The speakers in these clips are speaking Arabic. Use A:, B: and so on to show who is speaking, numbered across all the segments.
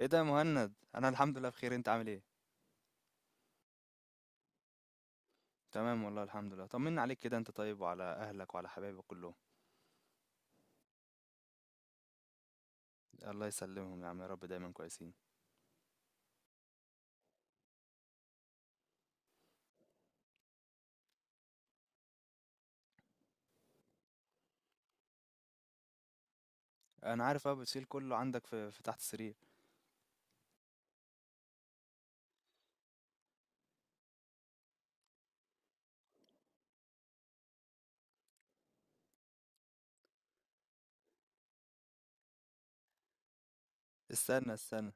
A: ايه ده يا مهند، انا الحمد لله بخير. انت عامل ايه؟ تمام والله الحمد لله. طمنا عليك كده. انت طيب وعلى اهلك وعلى حبايبك كلهم؟ الله يسلمهم يا عم، يا رب دايما كويسين. انا عارف بقى بتشيل كله عندك في تحت السرير. استنى استنى،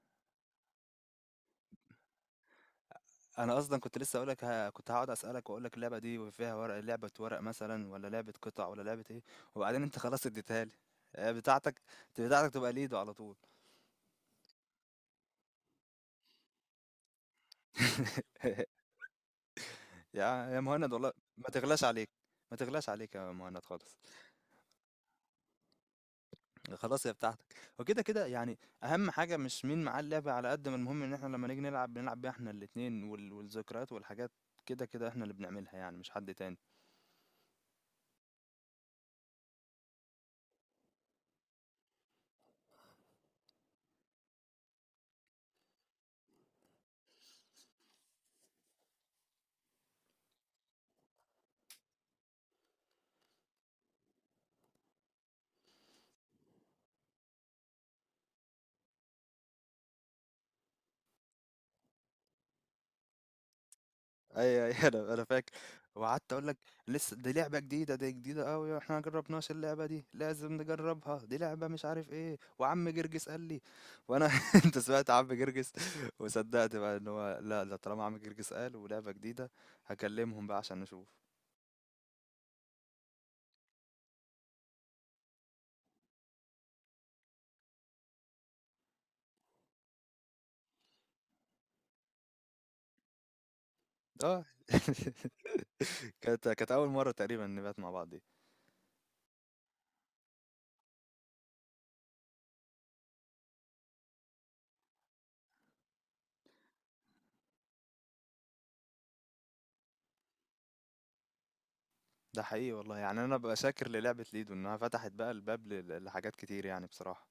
A: انا اصلا كنت لسه اقولك. ها، كنت هقعد اسالك واقول لك اللعبه دي فيها ورق لعبه، ورق مثلا، ولا لعبه قطع، ولا لعبه ايه؟ وبعدين انت خلاص اديتها لي. بتاعتك. بتاعتك تبقى ليدو على طول. يا يا مهند والله ما تغلاش عليك. ما تغلاش عليك يا مهند خالص. خلاص هي بتاعتك، وكده كده يعني. اهم حاجه مش مين معاه اللعبه، على قد ما المهم ان احنا لما نيجي نلعب بنلعب بيها احنا الاتنين، والذكريات والحاجات. كده كده احنا اللي بنعملها يعني، مش حد تاني. اي اي. انا فاكر. وقعدت اقول لك لسه دي لعبه جديده، دي جديده قوي، احنا ما جربناش اللعبه دي، لازم نجربها، دي لعبه مش عارف ايه، وعم جرجس قال لي. وانا انت سمعت عم جرجس وصدقت بقى ان هو؟ لا ده طالما عم جرجس قال ولعبه جديده، هكلمهم بقى عشان نشوف. اه، كانت اول مره تقريبا نبات مع بعض. ده حقيقي والله، يعني انا ببقى شاكر للعبة ليدو انها فتحت بقى الباب لحاجات كتير يعني بصراحة.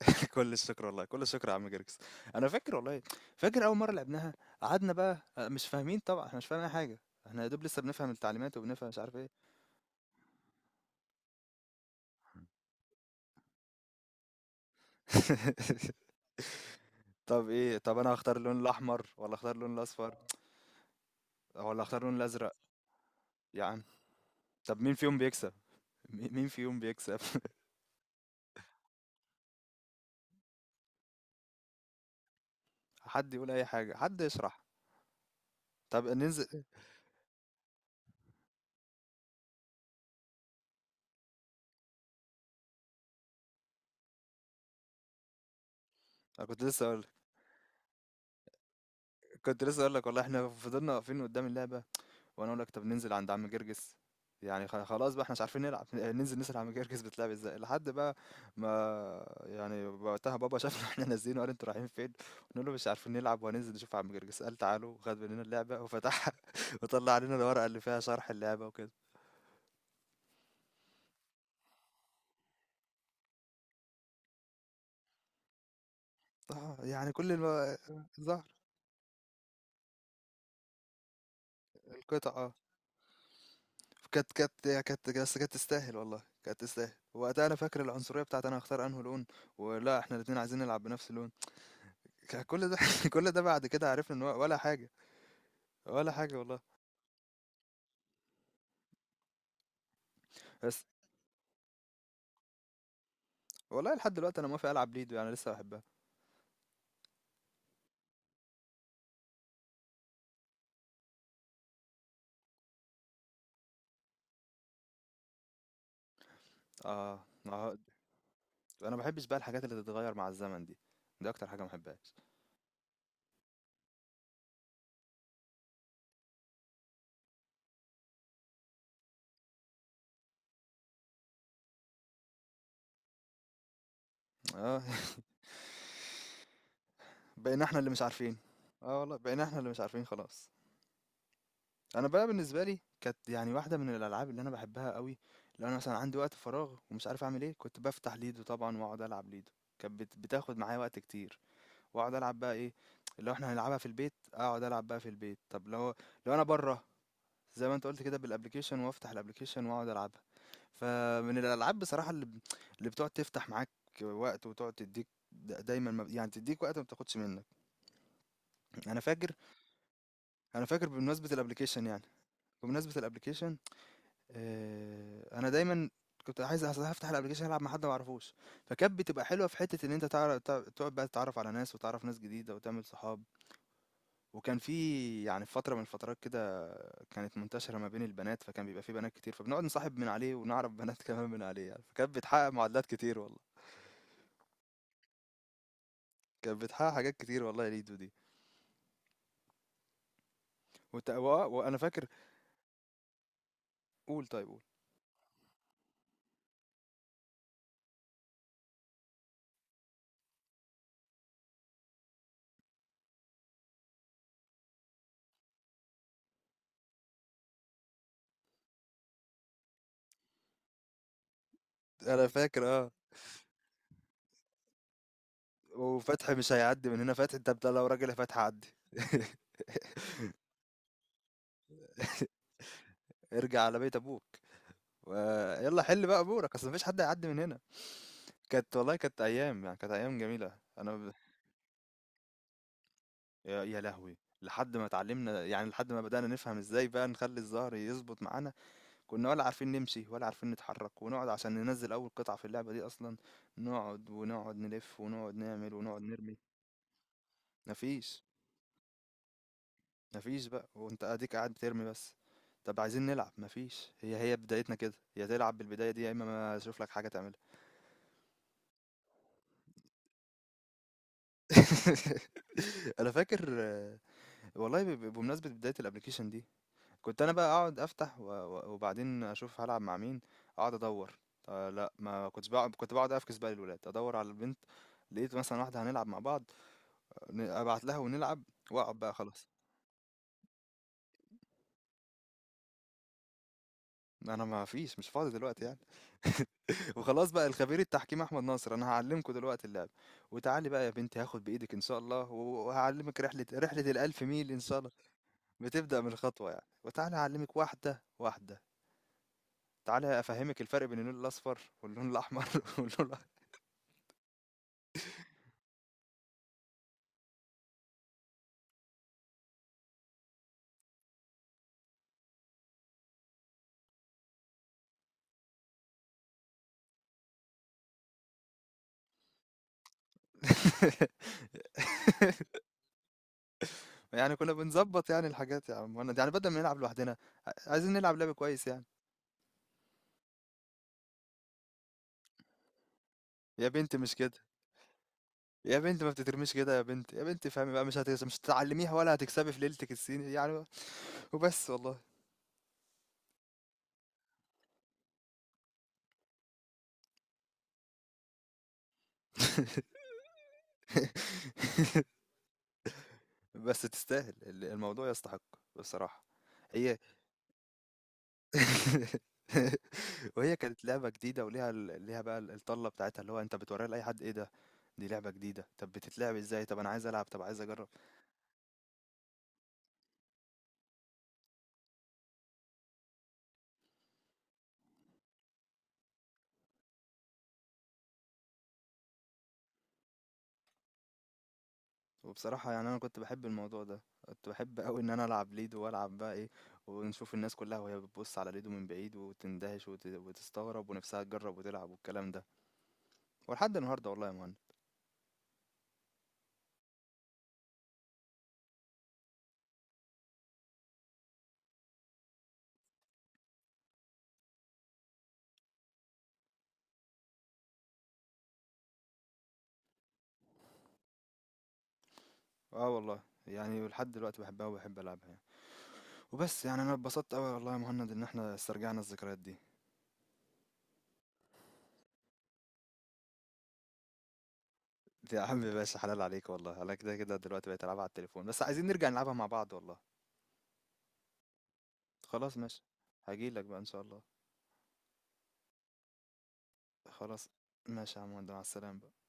A: كل الشكر والله، كل الشكر يا عم جيركس. انا فاكر والله، فاكر اول مرة لعبناها. قعدنا بقى، مش فاهمين طبعا، احنا مش فاهمين اي حاجة. احنا يا دوب لسه بنفهم التعليمات وبنفهم مش عارف ايه. طب ايه؟ طب انا هختار اللون الاحمر، ولا اختار اللون الاصفر، ولا اختار اللون الازرق؟ يعني طب مين فيهم بيكسب؟ مين فيهم بيكسب؟ حد يقول اي حاجة، حد يشرح. طب ننزل. أنا كنت لسه، كنت لسه اقول لك والله احنا فضلنا واقفين قدام اللعبة. وانا اقول لك طب ننزل عند عم جرجس، يعني خلاص بقى احنا مش عارفين نلعب، ننزل نسأل عم جرجس بتلعب ازاي؟ لحد بقى ما يعني وقتها بابا شافنا احنا نازلين وقال انتوا رايحين فين؟ نقول له مش عارفين نلعب وهننزل نشوف عم جرجس. قال تعالوا، خد مننا اللعبة وفتحها وطلع علينا الورقة اللي فيها شرح اللعبة وكده. اه يعني ظهر القطعة. كانت تستاهل والله، كانت تستاهل. وقتها انا فاكر العنصريه بتاعت انا هختار انه لون، ولا احنا الاتنين عايزين نلعب بنفس اللون. كان كل ده كل ده بعد كده عرفنا ان هو ولا حاجه، ولا حاجه والله. بس والله لحد دلوقتي انا موافق العب ليدو، يعني لسه بحبها. اه اه. انا ما بحبش بقى الحاجات اللي تتغير مع الزمن دي، دي اكتر حاجه ما بحبهاش. اه. بقينا احنا اللي مش عارفين. اه والله بقينا احنا اللي مش عارفين خلاص. انا بقى بالنسبه لي كانت يعني واحده من الالعاب اللي انا بحبها قوي. لو انا مثلا عندي وقت فراغ ومش عارف اعمل ايه، كنت بفتح ليدو طبعا واقعد العب ليدو. كانت بتاخد معايا وقت كتير. واقعد العب بقى ايه؟ لو احنا هنلعبها في البيت اقعد العب بقى في البيت. طب لو، لو انا بره، زي ما انت قلت كده بالابلكيشن، وافتح الابلكيشن واقعد العبها. فمن الالعاب بصراحه اللي اللي بتقعد تفتح معاك وقت، وتقعد تديك، دايما يعني تديك وقت ما بتاخدش منك. انا فاكر. انا فاكر بمناسبه الابلكيشن يعني، بمناسبه الابلكيشن. انا دايما كنت عايز افتح الابلكيشن العب مع حد ما اعرفوش. فكانت بتبقى حلوه في حته ان انت تعرف تقعد بقى تتعرف على ناس، وتعرف ناس جديده، وتعمل صحاب. وكان في يعني في فتره من الفترات كده كانت منتشره ما بين البنات، فكان بيبقى في بنات كتير، فبنقعد نصاحب من عليه ونعرف بنات كمان من عليه يعني. فكانت بتحقق معادلات كتير والله. كانت بتحقق حاجات كتير والله يا ليدو دي. وانا فاكر. قول، طيب قول. انا فاكر اه. وفتحي مش هيعدي من هنا. فتحي انت لو راجل يا فتحي عدي. ارجع على بيت ابوك، ويلا حل بقى امورك، اصل مفيش حد هيعدي من هنا. كانت والله كانت ايام، يعني كانت ايام جميله. يا يا لهوي، لحد ما اتعلمنا يعني، لحد ما بدأنا نفهم ازاي بقى نخلي الظهر يظبط معانا. كنا ولا عارفين نمشي، ولا عارفين نتحرك، ونقعد عشان ننزل اول قطعة في اللعبة دي اصلا. نقعد ونقعد نلف ونقعد نعمل ونقعد نرمي. مفيش مفيش بقى، وانت اديك قاعد بترمي بس. طب عايزين نلعب، مفيش. هي هي بدايتنا كده، يا تلعب بالبداية دي يا اما ما اشوف لك حاجة تعملها. أنا فاكر والله ب ب بمناسبة بداية الapplication دي، كنت أنا بقى أقعد أفتح و و وبعدين أشوف هالعب مع مين، أقعد أدوّر، لأ ما كنتش باقعد، كنت باقعد أفكس بقى للولاد، أدوّر على البنت، لقيت مثلًا واحدة هنلعب مع بعض، ن أبعت لها ونلعب، وأقعد بقى خلاص، أنا ما فيش مش فاضي دلوقتي يعني. وخلاص بقى الخبير التحكيم أحمد ناصر، أنا هاعلّمكم دلوقتي اللعبة، وتعالي بقى يا بنتي هاخد بإيدِك إن شاء الله، و وهاعلّمِك رحلة ال1000 ميل إن شاء. بتبدأ من الخطوة يعني، وتعالى أعلمك واحدة واحدة، تعالى أفهمك الفرق بين اللون الأصفر واللون الأحمر. واللون الأ- يعني كنا بنظبط يعني الحاجات يا عم مهند، يعني بدل ما نلعب لوحدنا، عايزين نلعب لعب كويس يعني. يا بنت مش كده، يا بنت ما بتترميش كده، يا بنت يا بنت فهمي بقى، مش هتعلميها ولا هتكسبي في ليلتك الصيني يعني. وبس والله. بس تستاهل، الموضوع يستحق بصراحة. هي. وهي كانت لعبة جديدة وليها ليها بقى الطلة بتاعتها، اللي هو انت بتوريها لأي حد، ايه ده؟ دي لعبة جديدة. طب بتتلعب ازاي؟ طب انا عايز العب، طب عايز اجرب. وبصراحة يعني انا كنت بحب الموضوع ده، كنت بحب قوي ان انا العب ليدو، والعب بقى ايه، ونشوف الناس كلها وهي بتبص على ليدو من بعيد وتندهش، وتستغرب، ونفسها تجرب وتلعب والكلام ده. ولحد النهاردة والله يا مهند. اه والله يعني لحد دلوقتي بحبها وبحب العبها يعني. وبس يعني انا اتبسطت قوي والله يا مهند ان احنا استرجعنا الذكريات دي. يا عم باشا حلال عليك والله، انا كده كده دلوقتي بقيت العبها على التليفون، بس عايزين نرجع نلعبها مع بعض والله. خلاص ماشي. هجيلك بقى ان شاء الله. خلاص ماشي يا عم، مع السلامة.